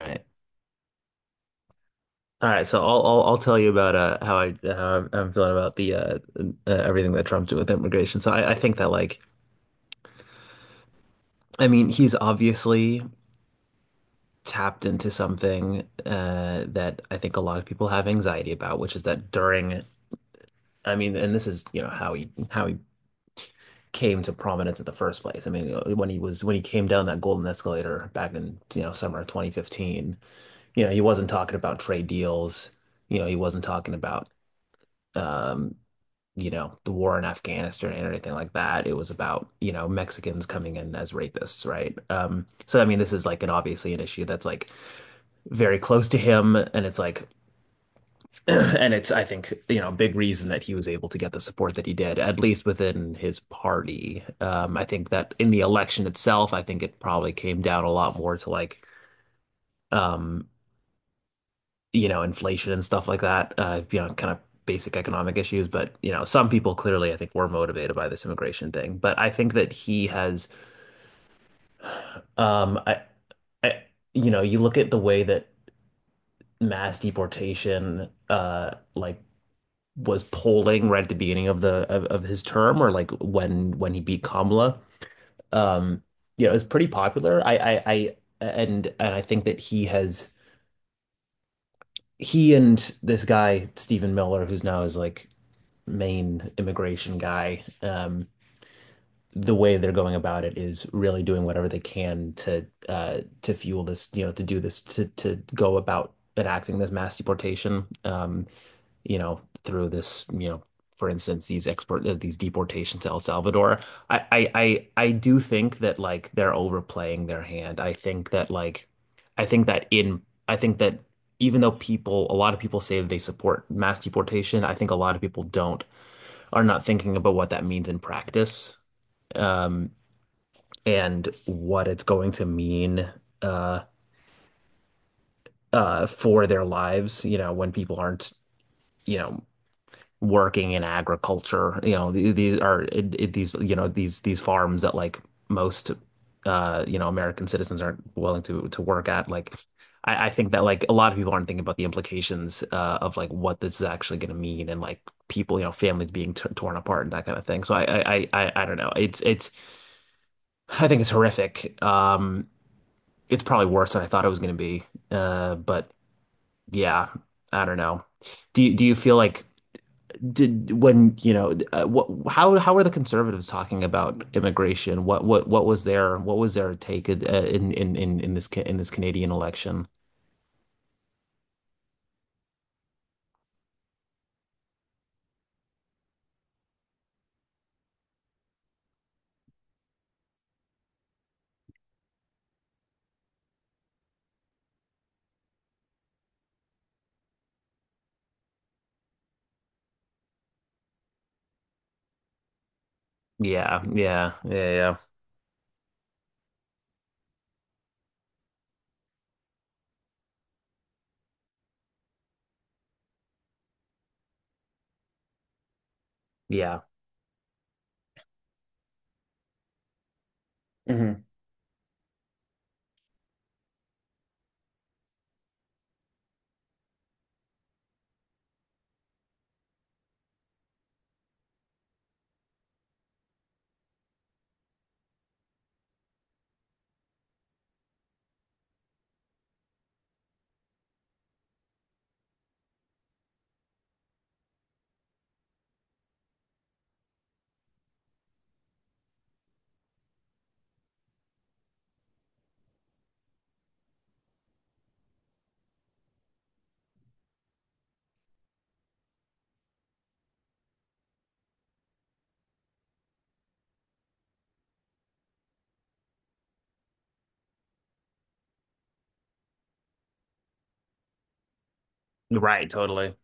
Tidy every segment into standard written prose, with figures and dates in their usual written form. Right. All right, so I'll tell you about how I I'm feeling about the everything that Trump did with immigration. So I think that like, he's obviously tapped into something that I think a lot of people have anxiety about, which is that during I mean, and this is how he came to prominence in the first place. I mean, you know, when he was when he came down that golden escalator back in summer of 2015. You know, he wasn't talking about trade deals. You know, he wasn't talking about. Um, you know, the war in Afghanistan and anything like that. It was about, you know, Mexicans coming in as rapists, right? So I mean, this is like an obviously an issue that's like very close to him, and it's like, and it's, I think, you know, a big reason that he was able to get the support that he did, at least within his party. I think that in the election itself, I think it probably came down a lot more to like, um, you know, inflation and stuff like that, you know, kind of basic economic issues. But, you know, some people clearly, I think, were motivated by this immigration thing. But I think that he has, um, I, I, you know, you look at the way that mass deportation, was polling right at the beginning of of his term, or like when he beat Kamala, um, you know, it's pretty popular. I, and I think that he and this guy Stephen Miller, who's now his like main immigration guy, the way they're going about it is really doing whatever they can to fuel this, you know, to do this, to go about enacting this mass deportation, you know, through this, you know, for instance, these export these deportations to El Salvador. I do think that like they're overplaying their hand. I think that like I think that in I think that even though people, a lot of people say that they support mass deportation, I think a lot of people don't are not thinking about what that means in practice, um, and what it's going to mean uh, for their lives. You know, when people aren't, you know, working in agriculture, you know, these are these, you know, these farms that like most you know, American citizens aren't willing to work at. Like, I think that like a lot of people aren't thinking about the implications of like what this is actually going to mean, and like people, you know, families being t torn apart and that kind of thing. So I don't know. It's I think it's horrific. It's probably worse than I thought it was going to be. But yeah, I don't know. Do you feel like did when you know what how are the conservatives talking about immigration? What what was their what was their take in in this Canadian election? Yeah, yeah, yeah, yeah, yeah. Mhm. Right, totally.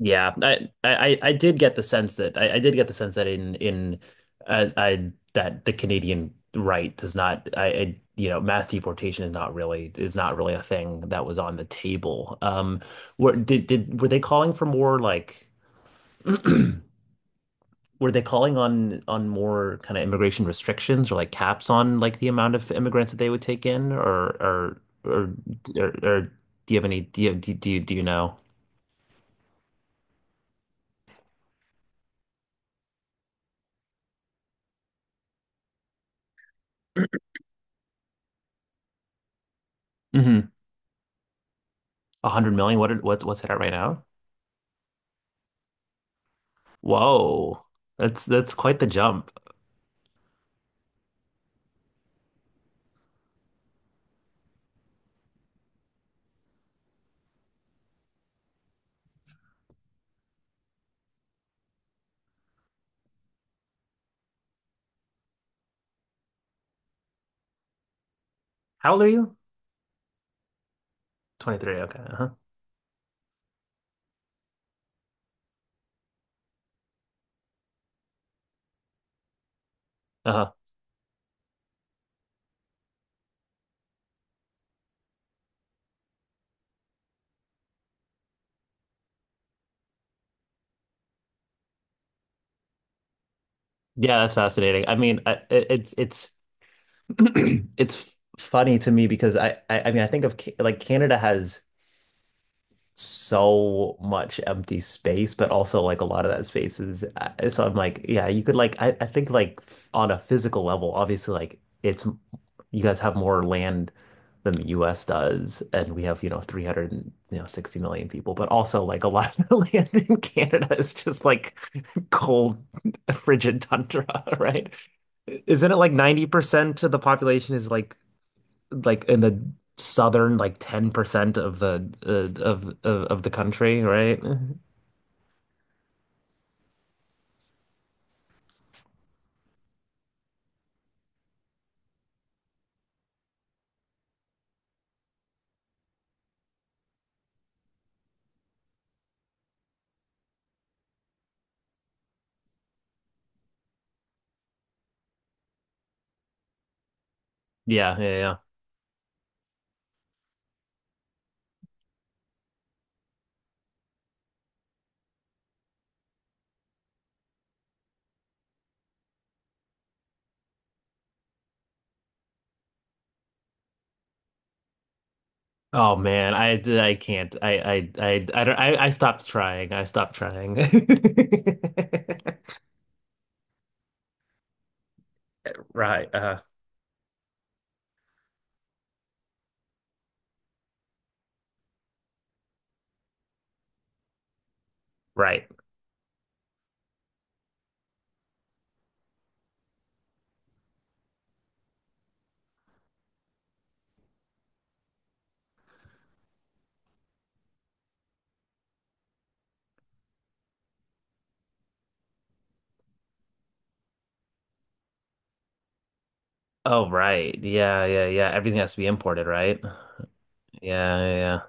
Yeah, I did get the sense that I did get the sense that in I that the Canadian right does not, I, I you know, mass deportation is not really a thing that was on the table. Were did were they calling for more like were they calling on more kind of immigration restrictions or like caps on like the amount of immigrants that they would take in or do you have any do you do you, do you know? Mm-hmm. 100 million? What what's it at right now? Whoa. That's quite the jump. How old are you? 23. Okay. Uh-huh. Uh-huh. Yeah, that's fascinating. I mean, it's it's funny to me because I mean, I think of Canada has so much empty space, but also like a lot of that space is so I'm like, yeah, you could like I think like on a physical level, obviously like it's you guys have more land than the US does, and we have, you know, 300, and, you know, 60 million people, but also like a lot of the land in Canada is just like cold, frigid tundra, right? Isn't it like 90% of the population is like in the southern like 10% of of the country, right? Yeah, yeah, yeah. Oh man, I can't. I don't, I stopped trying. I stopped trying. Right. Right. Oh, right. Yeah, yeah, yeah. Everything has to be imported, right? Yeah, yeah, yeah.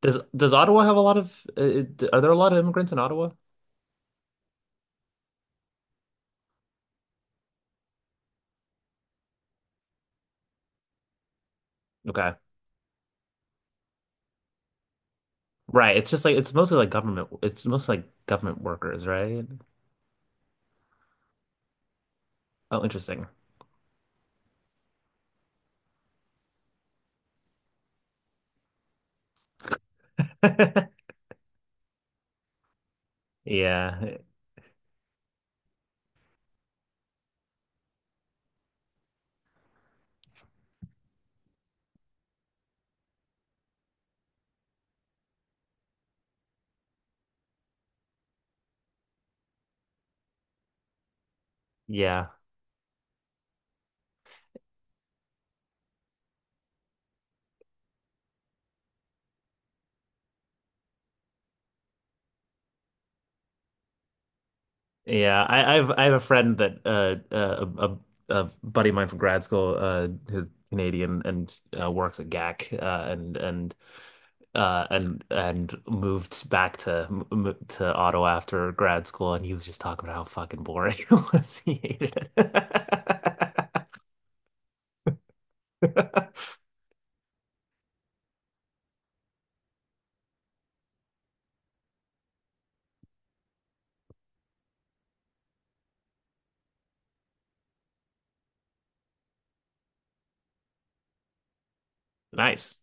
Does Ottawa have a lot of are there a lot of immigrants in Ottawa? Okay. Right. It's just like it's mostly like government, it's mostly like government workers, right? Oh, interesting. Yeah, yeah, yeah. I have a friend that a buddy of mine from grad school who's Canadian and works at GAC , and moved back to to Ottawa after grad school, and he was just talking about how fucking boring it was. He hated it. Nice.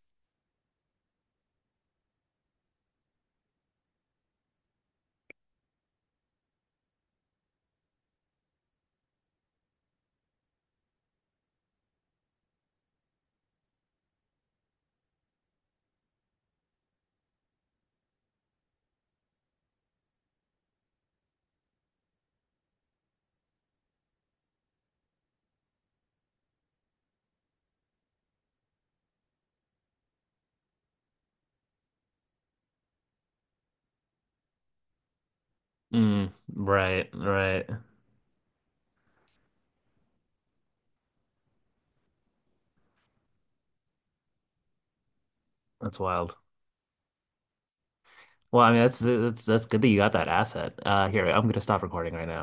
Mm, right, right. That's wild. Well, I mean, that's good that you got that asset. Here, I'm gonna stop recording right now.